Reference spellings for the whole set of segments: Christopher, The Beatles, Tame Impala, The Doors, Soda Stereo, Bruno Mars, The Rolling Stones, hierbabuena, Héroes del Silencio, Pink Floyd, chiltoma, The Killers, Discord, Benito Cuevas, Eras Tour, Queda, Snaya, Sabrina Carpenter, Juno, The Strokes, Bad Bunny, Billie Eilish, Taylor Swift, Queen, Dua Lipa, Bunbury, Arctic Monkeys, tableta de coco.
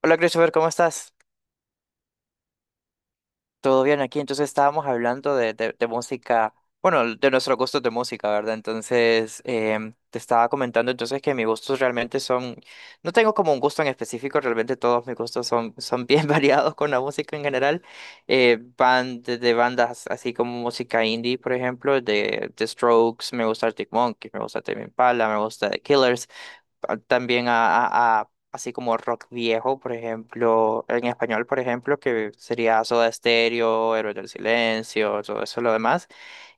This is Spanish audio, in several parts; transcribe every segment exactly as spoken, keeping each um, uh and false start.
Hola Christopher, ¿cómo estás? ¿Todo bien aquí? Entonces estábamos hablando de, de- de música, bueno, de nuestros gustos de música, ¿verdad? Entonces em, te estaba comentando entonces que mis gustos realmente son, no tengo como un gusto en específico, realmente todos mis gustos son, son bien variados con la música en general. Eh, van desde bandas así como música indie, por ejemplo, de, de Strokes, me gusta Arctic Monkeys, me gusta Tame Impala, me gusta The Killers a- también a, a- a- así como rock viejo, por ejemplo, en español, por ejemplo, que sería Soda Stereo, Héroes del Silencio, todo eso, lo demás.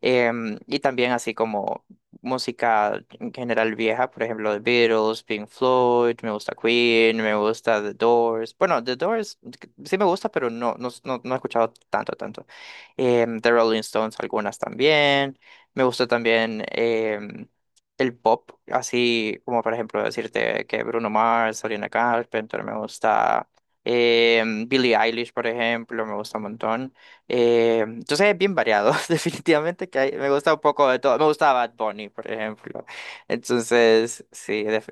Em, y también así como música en general vieja, por ejemplo, The Beatles, Pink Floyd, me gusta Queen, me gusta The Doors. Bueno, The Doors c- sí me gusta, pero no, no, no, no he escuchado tanto, tanto. Em, The Rolling Stones, algunas también. Me gusta también. em, el pop, así como por ejemplo decirte que Bruno Mars, Sabrina Carpenter, me gusta eh, Billie Eilish, por ejemplo, me gusta un montón. Eh, entonces es bien variado, definitivamente que hay- me gusta un poco de todo. Me gusta Bad Bunny, por ejemplo. Entonces, sí, def-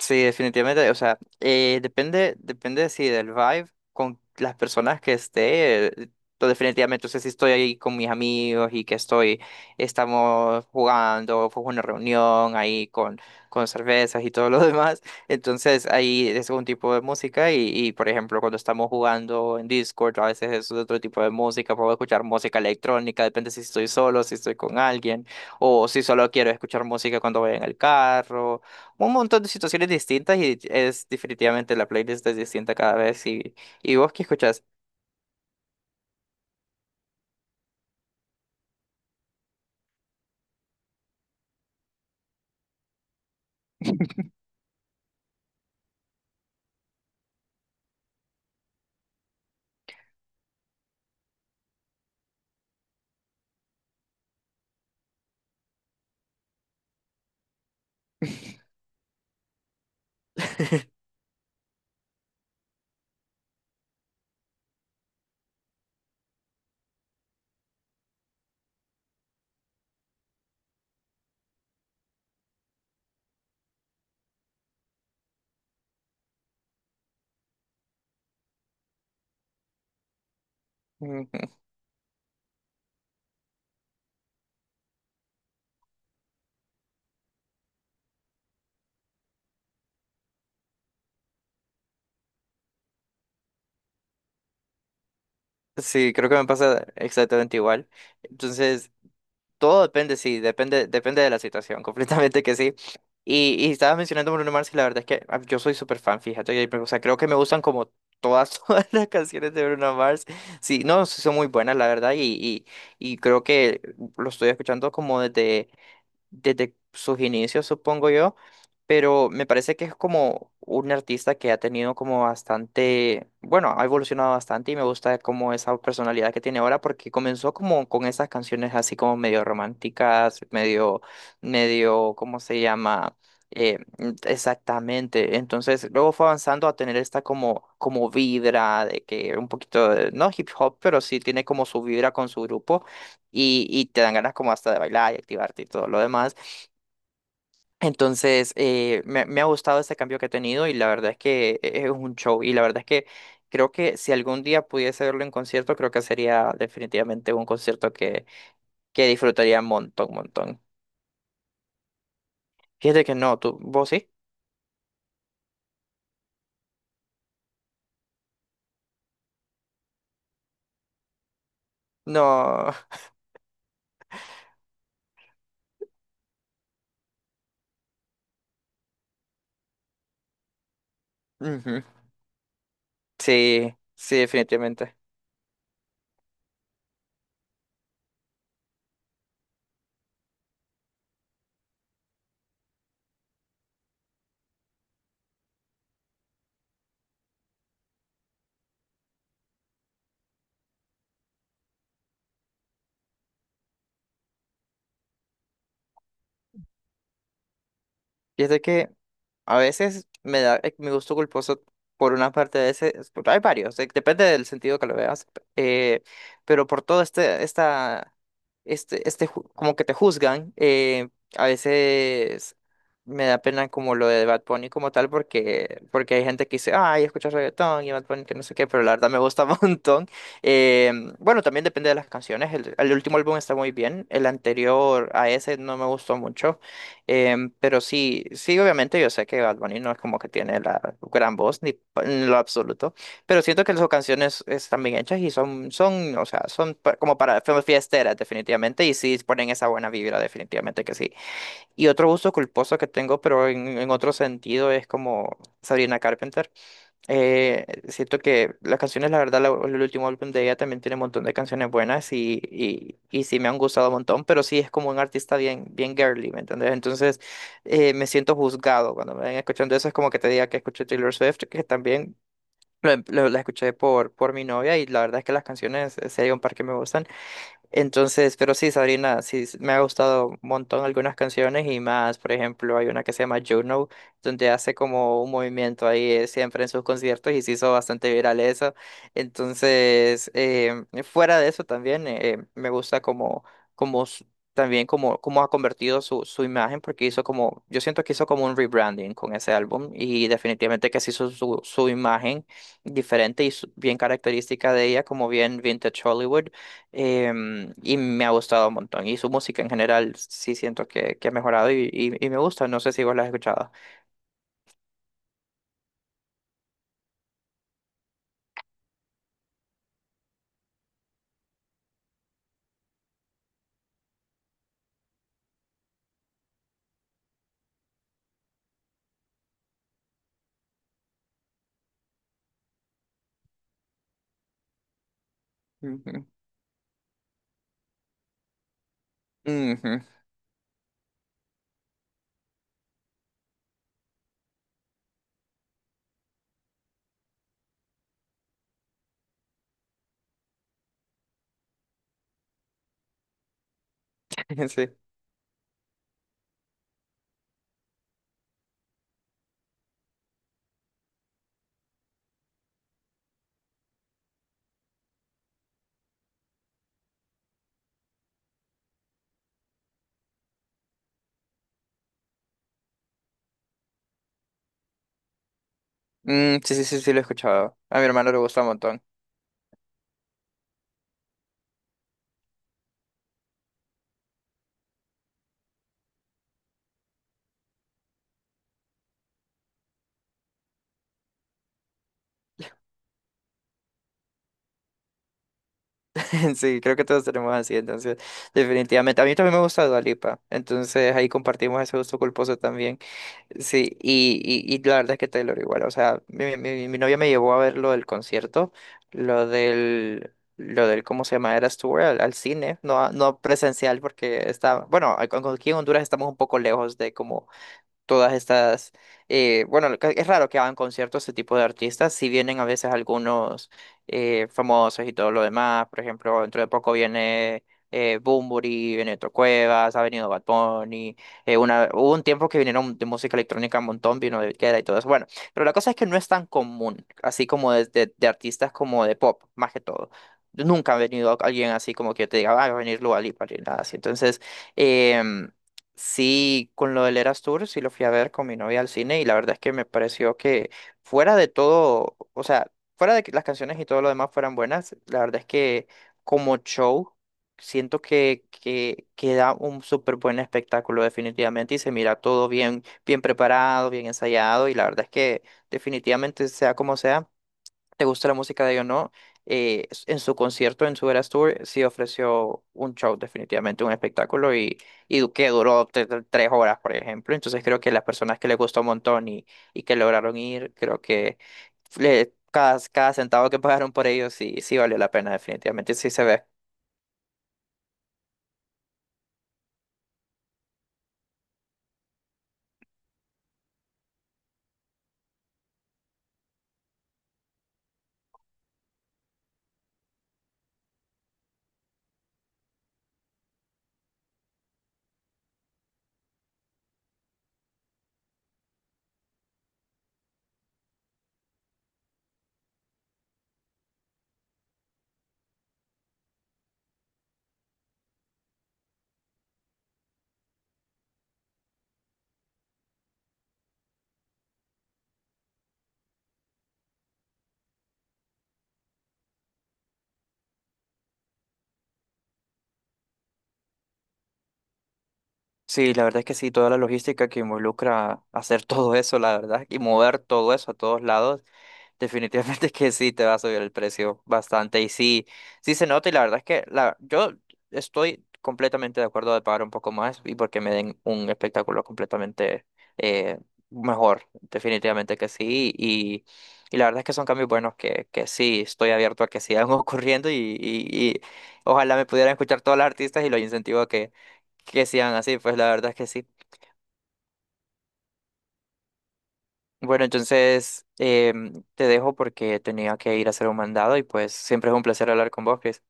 sí, definitivamente, o sea, eh, depende, depende, sí, del vibe con las personas que esté, eh, pues, definitivamente, o sea, si estoy ahí con mis amigos y que estoy, estamos jugando, fue una reunión ahí con, con cervezas y todo lo demás, entonces ahí es un tipo de música y, y, por ejemplo, cuando estamos jugando en Discord, a veces es otro tipo de música, puedo escuchar música electrónica, depende si estoy solo, si estoy con alguien, o si solo quiero escuchar música cuando voy en el carro un montón de situaciones distintas y es definitivamente la playlist es distinta cada vez y, y vos que escuchás. Ujú. Sí, creo que me pasa exactamente igual. Entonces, todo depende, sí, depende, depende de la situación, completamente que sí. Y, y estabas mencionando Bruno Mars y la verdad es que ah, yo soy súper fan, fíjate, y, o sea, creo que me gustan como todas, todas las canciones de Bruno Mars. Sí, no, sí son muy buenas, la verdad, y, y, y creo que lo estoy escuchando como desde desde sus inicios, supongo yo, pero me parece que es como un artista que ha tenido como bastante, bueno, ha evolucionado bastante y me gusta como esa personalidad que tiene ahora porque comenzó como con esas canciones así como medio románticas, medio, medio, ¿cómo se llama? Eh, mm, exactamente. Entonces, luego fue avanzando a tener esta como, como vibra de que un poquito, de- no hip hop, pero sí tiene como su vibra con su grupo y, y te dan ganas como hasta de bailar y activarte y todo lo demás. Entonces, eh, me, me ha gustado este cambio que he tenido y la verdad es que e- es un show y la verdad es que creo que si algún día pudiese verlo en concierto, creo que sería definitivamente un concierto que, que disfrutaría montón, montón. Fíjate que no, tú, vos sí. No. Ujú. Sí, sí, definitivamente. Fíjate que A veces me da eh, mi gusto culposo por una parte de ese, es- hay varios, eh, depende del sentido que lo veas, eh, pero por todo este, esta, este, este, ju- como que te juzgan, eh, a veces me da pena como lo de Bad Bunny como tal, porque, porque hay gente que dice, ay, escuchas reggaetón y Bad Bunny que no sé qué, pero la verdad me gusta un montón. Eh, bueno, también depende de las canciones, el, el último álbum está muy bien, el anterior a ese no me gustó mucho. Em, pero sí, sí, obviamente yo sé que Bad Bunny no es como que tiene la gran voz, ni pa- en lo absoluto, pero siento que sus canciones están bien hechas y son, son, o sea, son pa- como para fie- fiesteras definitivamente y sí ponen esa buena vibra definitivamente que sí. Y otro gusto culposo que tengo, pero en, en otro sentido, es como Sabrina Carpenter. Eh, siento que las canciones, la verdad, la- el último álbum de ella también tiene un montón de canciones buenas y, y, y sí me han gustado un montón, pero sí es como un artista bien, bien girly, ¿me entendés? Entonces eh, me siento juzgado cuando me ven escuchando eso, es como que te diga que escuché Taylor Swift, que también lo- em, lo- la escuché por, por mi novia y la verdad es que las canciones, eh, si un par que me gustan. Entonces, pero sí, Sabrina, sí, s- me ha gustado un montón algunas canciones y más, por ejemplo, hay una que se llama Juno, donde hace como un movimiento ahí eh, siempre en sus conciertos y se hizo bastante viral eso. Entonces, eh, fuera de eso también, eh, me gusta como, como s- también como, cómo ha convertido su, su imagen, porque hizo como, yo siento que hizo como un rebranding con ese álbum y definitivamente que se hizo su, su imagen diferente y su- bien característica de ella, como bien Vintage Hollywood. Em, y me ha gustado un montón. Y su música en general sí siento que, que ha mejorado y, y, y me gusta. No sé si vos la has escuchado. Ujú. Ujú. Sí. Mm, sí, sí, sí, sí, lo he escuchado. A mi hermano le gusta un montón. Sí, creo que todos tenemos así, entonces, definitivamente. A mí también me gusta Dua Lipa, entonces ahí compartimos ese gusto culposo también. Sí, y, y, y la verdad es que Taylor igual, o sea, mi, mi, mi novia me llevó a ver lo del concierto, lo del, lo del, ¿cómo se llama? Eras Tour al, al cine, no, a- no presencial porque está, bueno, a- con- aquí en Honduras estamos un poco lejos de como todas estas, eh, bueno, lo es raro que hagan conciertos este tipo de artistas, si vienen a veces algunos eh, famosos y todo lo demás, por ejemplo, dentro de poco viene eh, Bunbury, Benito Cuevas, ha venido Bad Bunny, eh, una, hubo un tiempo que vinieron de música electrónica un montón, vino de Queda y todo eso, bueno, pero la cosa es que no es tan común, así como de, de, de artistas como de pop, más que todo. Nunca ha venido alguien así como que yo te diga, "Ah, va a venir Dua Lipa", ni nada así. Entonces, em, sí, con lo del Eras Tour, sí lo fui a ver con mi novia al cine y la verdad es que me pareció que fuera de todo, o sea, fuera de que las canciones y todo lo demás fueran buenas, la verdad es que como show siento que, que, que da un súper buen espectáculo definitivamente y se mira todo bien, bien preparado, bien ensayado y la verdad es que definitivamente sea como sea te gusta la música de ellos o no, eh, s- en su concierto, en su Eras Tour, sí ofreció un show, definitivamente un espectáculo y, y du- que duró tre- tre- tres horas, por ejemplo. Entonces creo que las personas que les gustó un montón y, y que lograron ir, creo que le- cada, cada centavo que pagaron por ellos sí, sí valió la pena, definitivamente, sí se ve. Sí, la verdad es que sí, toda la logística que involucra hacer todo eso, la verdad, y mover todo eso a todos lados. Definitivamente que sí, te va a subir el precio bastante y sí, sí se nota y la verdad es que la, yo estoy completamente de acuerdo de pagar un poco más y porque me den un espectáculo completamente eh, mejor, definitivamente que sí y, y la verdad es que son cambios buenos que, que sí, estoy abierto a que sigan ocurriendo y, y, y ojalá me pudieran escuchar todos los artistas y los incentivo a que, que sigan así, pues la verdad es que sí. Bueno, entonces em, te dejo porque tenía que ir a hacer un mandado y pues siempre es un placer hablar con vos, Chris.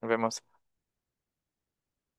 Nos vemos.